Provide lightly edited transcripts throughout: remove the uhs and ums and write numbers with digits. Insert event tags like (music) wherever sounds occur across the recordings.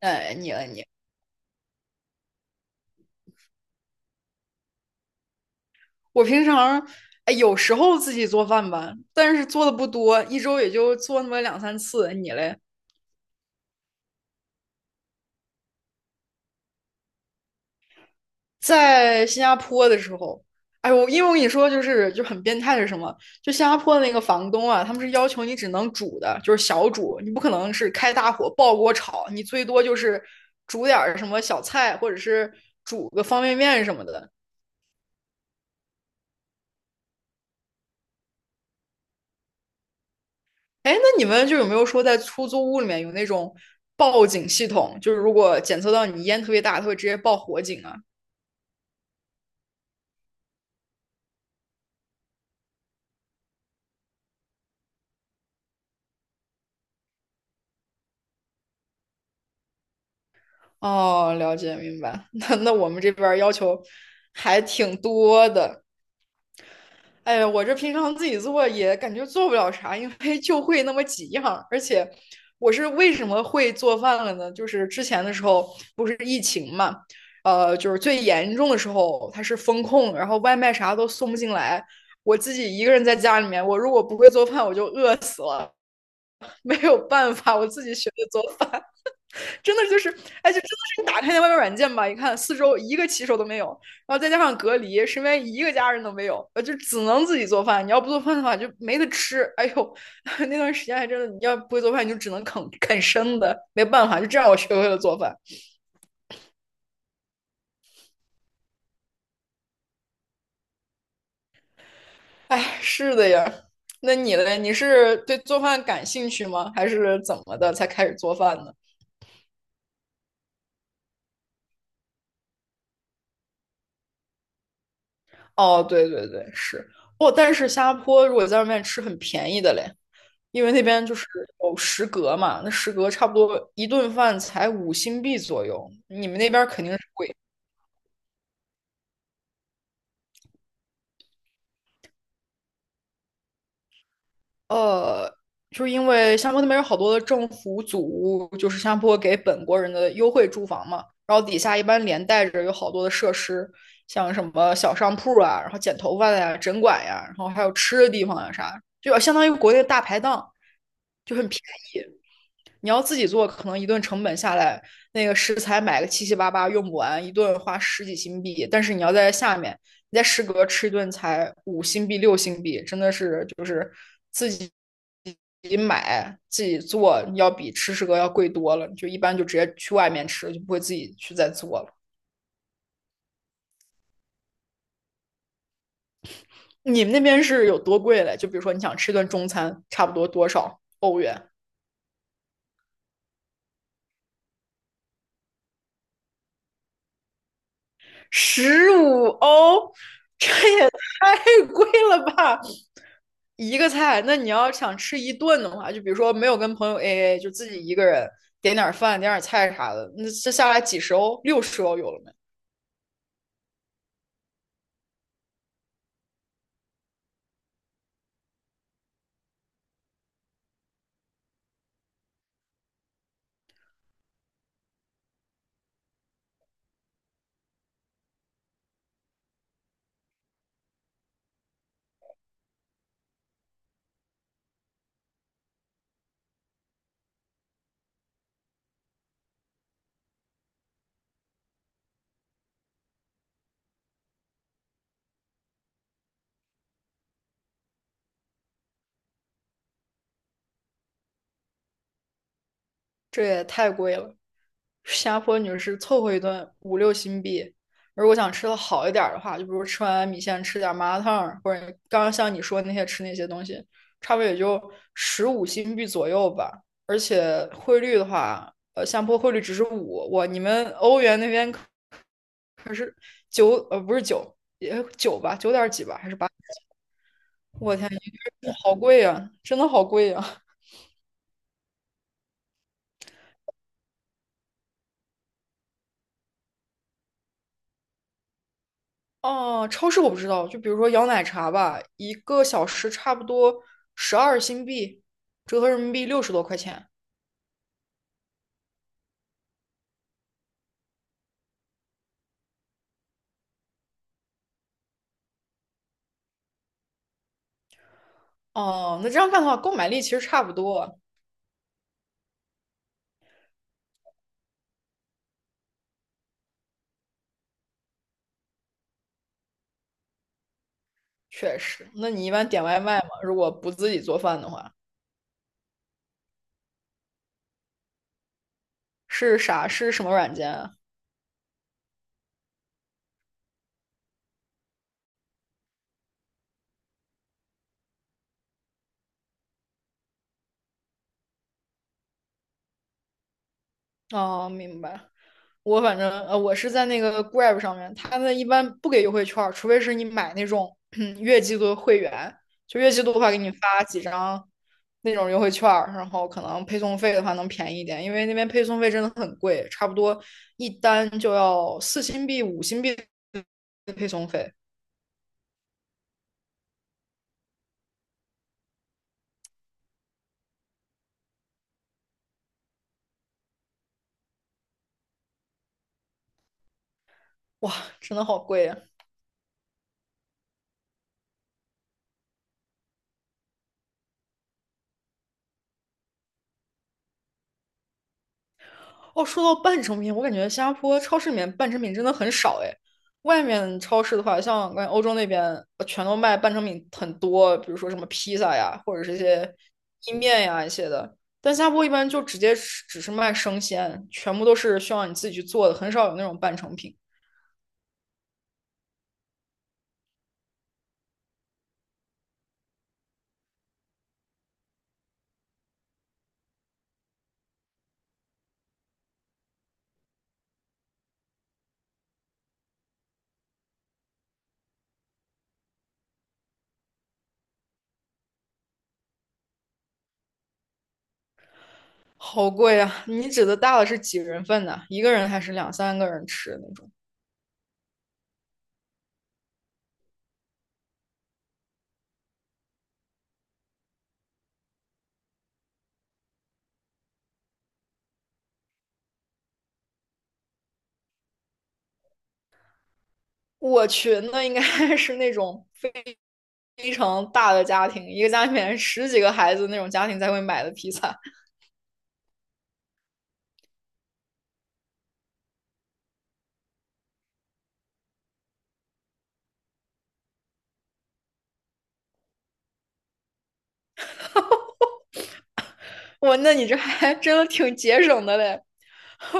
哎，你了你，我平常哎有时候自己做饭吧，但是做的不多，一周也就做那么两三次。你嘞，在新加坡的时候，哎因为我跟你说就是很变态是什么？就新加坡的那个房东啊，他们是要求你只能煮的，就是小煮，你不可能是开大火爆锅炒，你最多就是煮点儿什么小菜，或者是煮个方便面什么的。哎，那你们就有没有说在出租屋里面有那种报警系统？就是如果检测到你烟特别大，它会直接报火警啊？哦，了解明白。(laughs) 那我们这边儿要求还挺多的。哎呀，我这平常自己做也感觉做不了啥，因为就会那么几样儿而且我是为什么会做饭了呢？就是之前的时候不是疫情嘛，就是最严重的时候它是封控，然后外卖啥都送不进来。我自己一个人在家里面，我如果不会做饭，我就饿死了，没有办法，我自己学的做饭。真的就是，哎，就真的是你打开那外卖软件吧，一看四周一个骑手都没有，然后再加上隔离，身边一个家人都没有，就只能自己做饭。你要不做饭的话，就没得吃。哎呦，(laughs) 那段时间还真的，你要不会做饭，你就只能啃啃生的，没办法，就这样我学会了做饭。哎，是的呀。那你嘞？你是对做饭感兴趣吗？还是怎么的才开始做饭呢？哦，对对对，是哦。但是新加坡如果在外面吃很便宜的嘞，因为那边就是有食阁嘛，那食阁差不多一顿饭才五新币左右，你们那边肯定是贵。呃，就是因为新加坡那边有好多的政府组屋，就是新加坡给本国人的优惠住房嘛，然后底下一般连带着有好多的设施，像什么小商铺啊，然后剪头发的呀、诊馆呀，然后还有吃的地方呀啥，就相当于国内的大排档，就很便宜。你要自己做，可能一顿成本下来，那个食材买个七七八八用不完，一顿花十几新币。但是你要在下面，你在食阁吃一顿才五新币、六新币，真的是就是自己自己买、自己做，要比吃食阁要贵多了。就一般就直接去外面吃，就不会自己去再做了。你们那边是有多贵嘞？就比如说你想吃一顿中餐，差不多多少欧元？十五欧，这也太贵了吧！一个菜，那你要想吃一顿的话，就比如说没有跟朋友 AA,就自己一个人点点饭、点点菜啥的，那这下来几十欧、六十欧有了没？这也太贵了。新加坡女士凑合一顿五六新币，如果想吃的好一点的话，就比如吃完米线吃点麻辣烫，或者刚刚像你说那些吃那些东西，差不多也就十五新币左右吧。而且汇率的话，新加坡汇率只是五，我你们欧元那边可九不是九，也九吧，九点几吧，还是八？我天，好贵呀，真的好贵呀！哦，超市我不知道，就比如说摇奶茶吧，一个小时差不多十二新币，折合人民币六十多块钱。哦，那这样看的话，购买力其实差不多，确实。那你一般点外卖吗？如果不自己做饭的话，是啥？是什么软件啊？哦，明白。我反正我是在那个 Grab 上面，他们一般不给优惠券儿，除非是你买那种 (clears throat) 月季度的会员，就月季度的话给你发几张那种优惠券儿，然后可能配送费的话能便宜一点，因为那边配送费真的很贵，差不多一单就要四新币、五新币的配送费，哇，真的好贵呀、哦，说到半成品，我感觉新加坡超市里面半成品真的很少哎。外面超市的话，像我感觉欧洲那边全都卖半成品很多，比如说什么披萨呀，或者是一些意面呀一些的。但新加坡一般就直接只是卖生鲜，全部都是需要你自己去做的，很少有那种半成品。好贵啊！你指的大的是几人份的？一个人还是两三个人吃的那种？我去，那应该 (laughs) 是那种非常大的家庭，一个家里面十几个孩子那种家庭才会买的披萨。(laughs) 哇，那你这还真的挺节省的嘞。(laughs)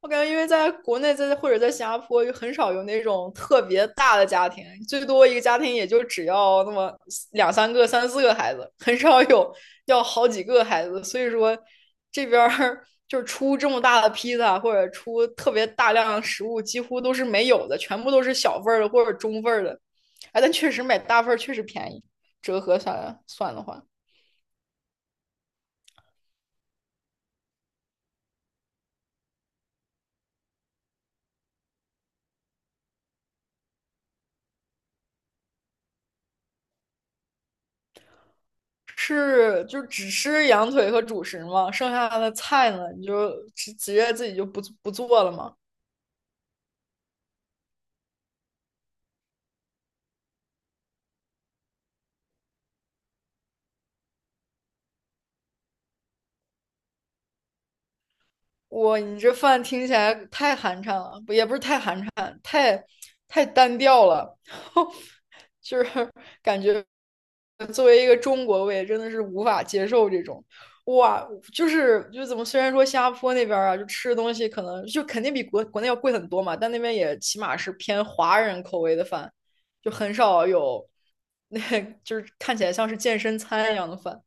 我感觉，因为在国内在或者在新加坡，就很少有那种特别大的家庭，最多一个家庭也就只要那么两三个、三四个孩子，很少有要好几个孩子。所以说，这边儿就是出这么大的披萨或者出特别大量的食物，几乎都是没有的，全部都是小份儿的或者中份儿的。哎，但确实买大份儿确实便宜，折合下来算的话。是就只吃羊腿和主食吗？剩下的菜呢，你就直接自己就不做了吗？哇，你这饭听起来太寒碜了，不也不是太寒碜，太单调了，(laughs) 就是感觉作为一个中国胃，真的是无法接受这种。哇，就是就怎么，虽然说新加坡那边啊，就吃的东西可能就肯定比国内要贵很多嘛，但那边也起码是偏华人口味的饭，就很少有那 (laughs) 就是看起来像是健身餐一样的饭。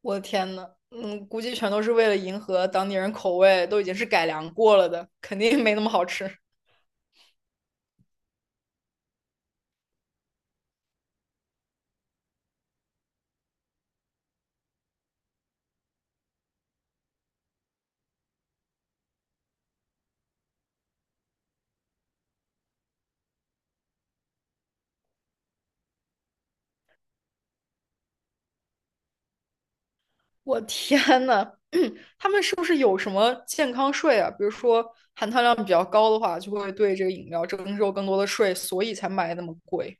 我的天呐，嗯，估计全都是为了迎合当地人口味，都已经是改良过了的，肯定没那么好吃。我天呐，(clears throat) 他们是不是有什么健康税啊？比如说含糖量比较高的话，就会对这个饮料征收更多的税，所以才卖那么贵。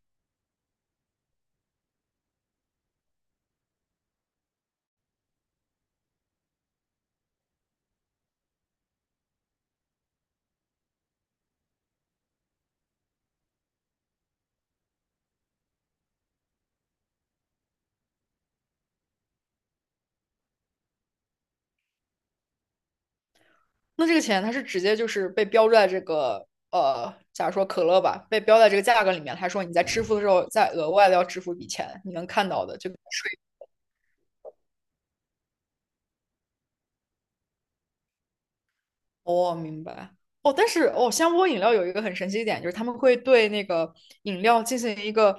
那这个钱它是直接就是被标注在这个假如说可乐吧，被标在这个价格里面，他说你在支付的时候再额外的要支付一笔钱，你能看到的这个哦，明白。哦，但是哦，香波饮料有一个很神奇一点，就是他们会对那个饮料进行一个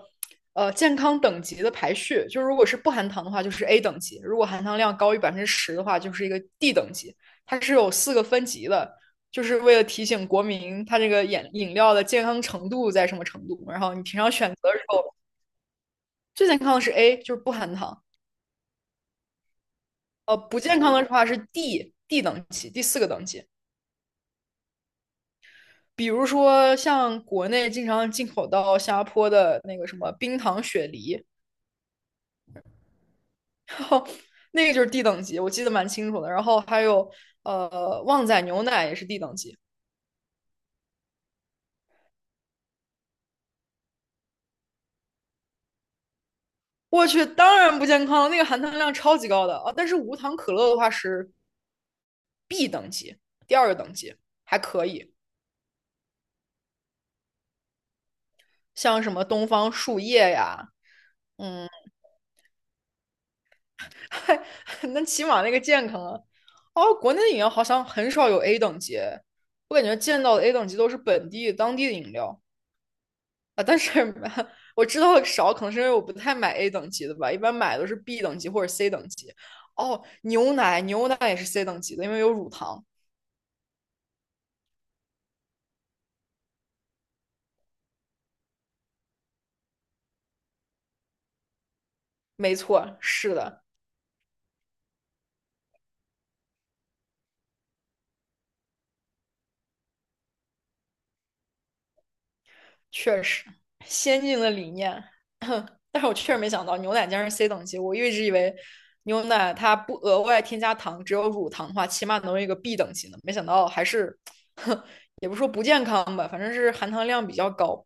健康等级的排序，就是如果是不含糖的话，就是 A 等级；如果含糖量高于10%的话，就是一个 D 等级。它是有四个分级的，就是为了提醒国民它这个饮料的健康程度在什么程度。然后你平常选择的时候，最健康的是 A,就是不含糖；不健康的话是 D，D 等级，第四个等级。比如说像国内经常进口到新加坡的那个什么冰糖雪梨，那个就是 D 等级，我记得蛮清楚的。然后还有旺仔牛奶也是 D 等级，我去，当然不健康了，那个含糖量超级高的啊。但是无糖可乐的话是 B 等级，第二个等级还可以，像什么东方树叶呀，嗯。(laughs) 那起码那个健康啊。哦，国内的饮料好像很少有 A 等级，我感觉见到的 A 等级都是本地当地的饮料啊。但是 (laughs) 我知道的少，可能是因为我不太买 A 等级的吧，一般买都是 B 等级或者 C 等级。哦，牛奶，牛奶也是 C 等级的，因为有乳糖。没错，是的。确实先进的理念，(clears throat) 但是我确实没想到牛奶竟然是 C 等级，我一直以为牛奶它不额外添加糖，只有乳糖的话，起码能有一个 B 等级呢，没想到还是，(laughs) 也不说不健康吧，反正是含糖量比较高。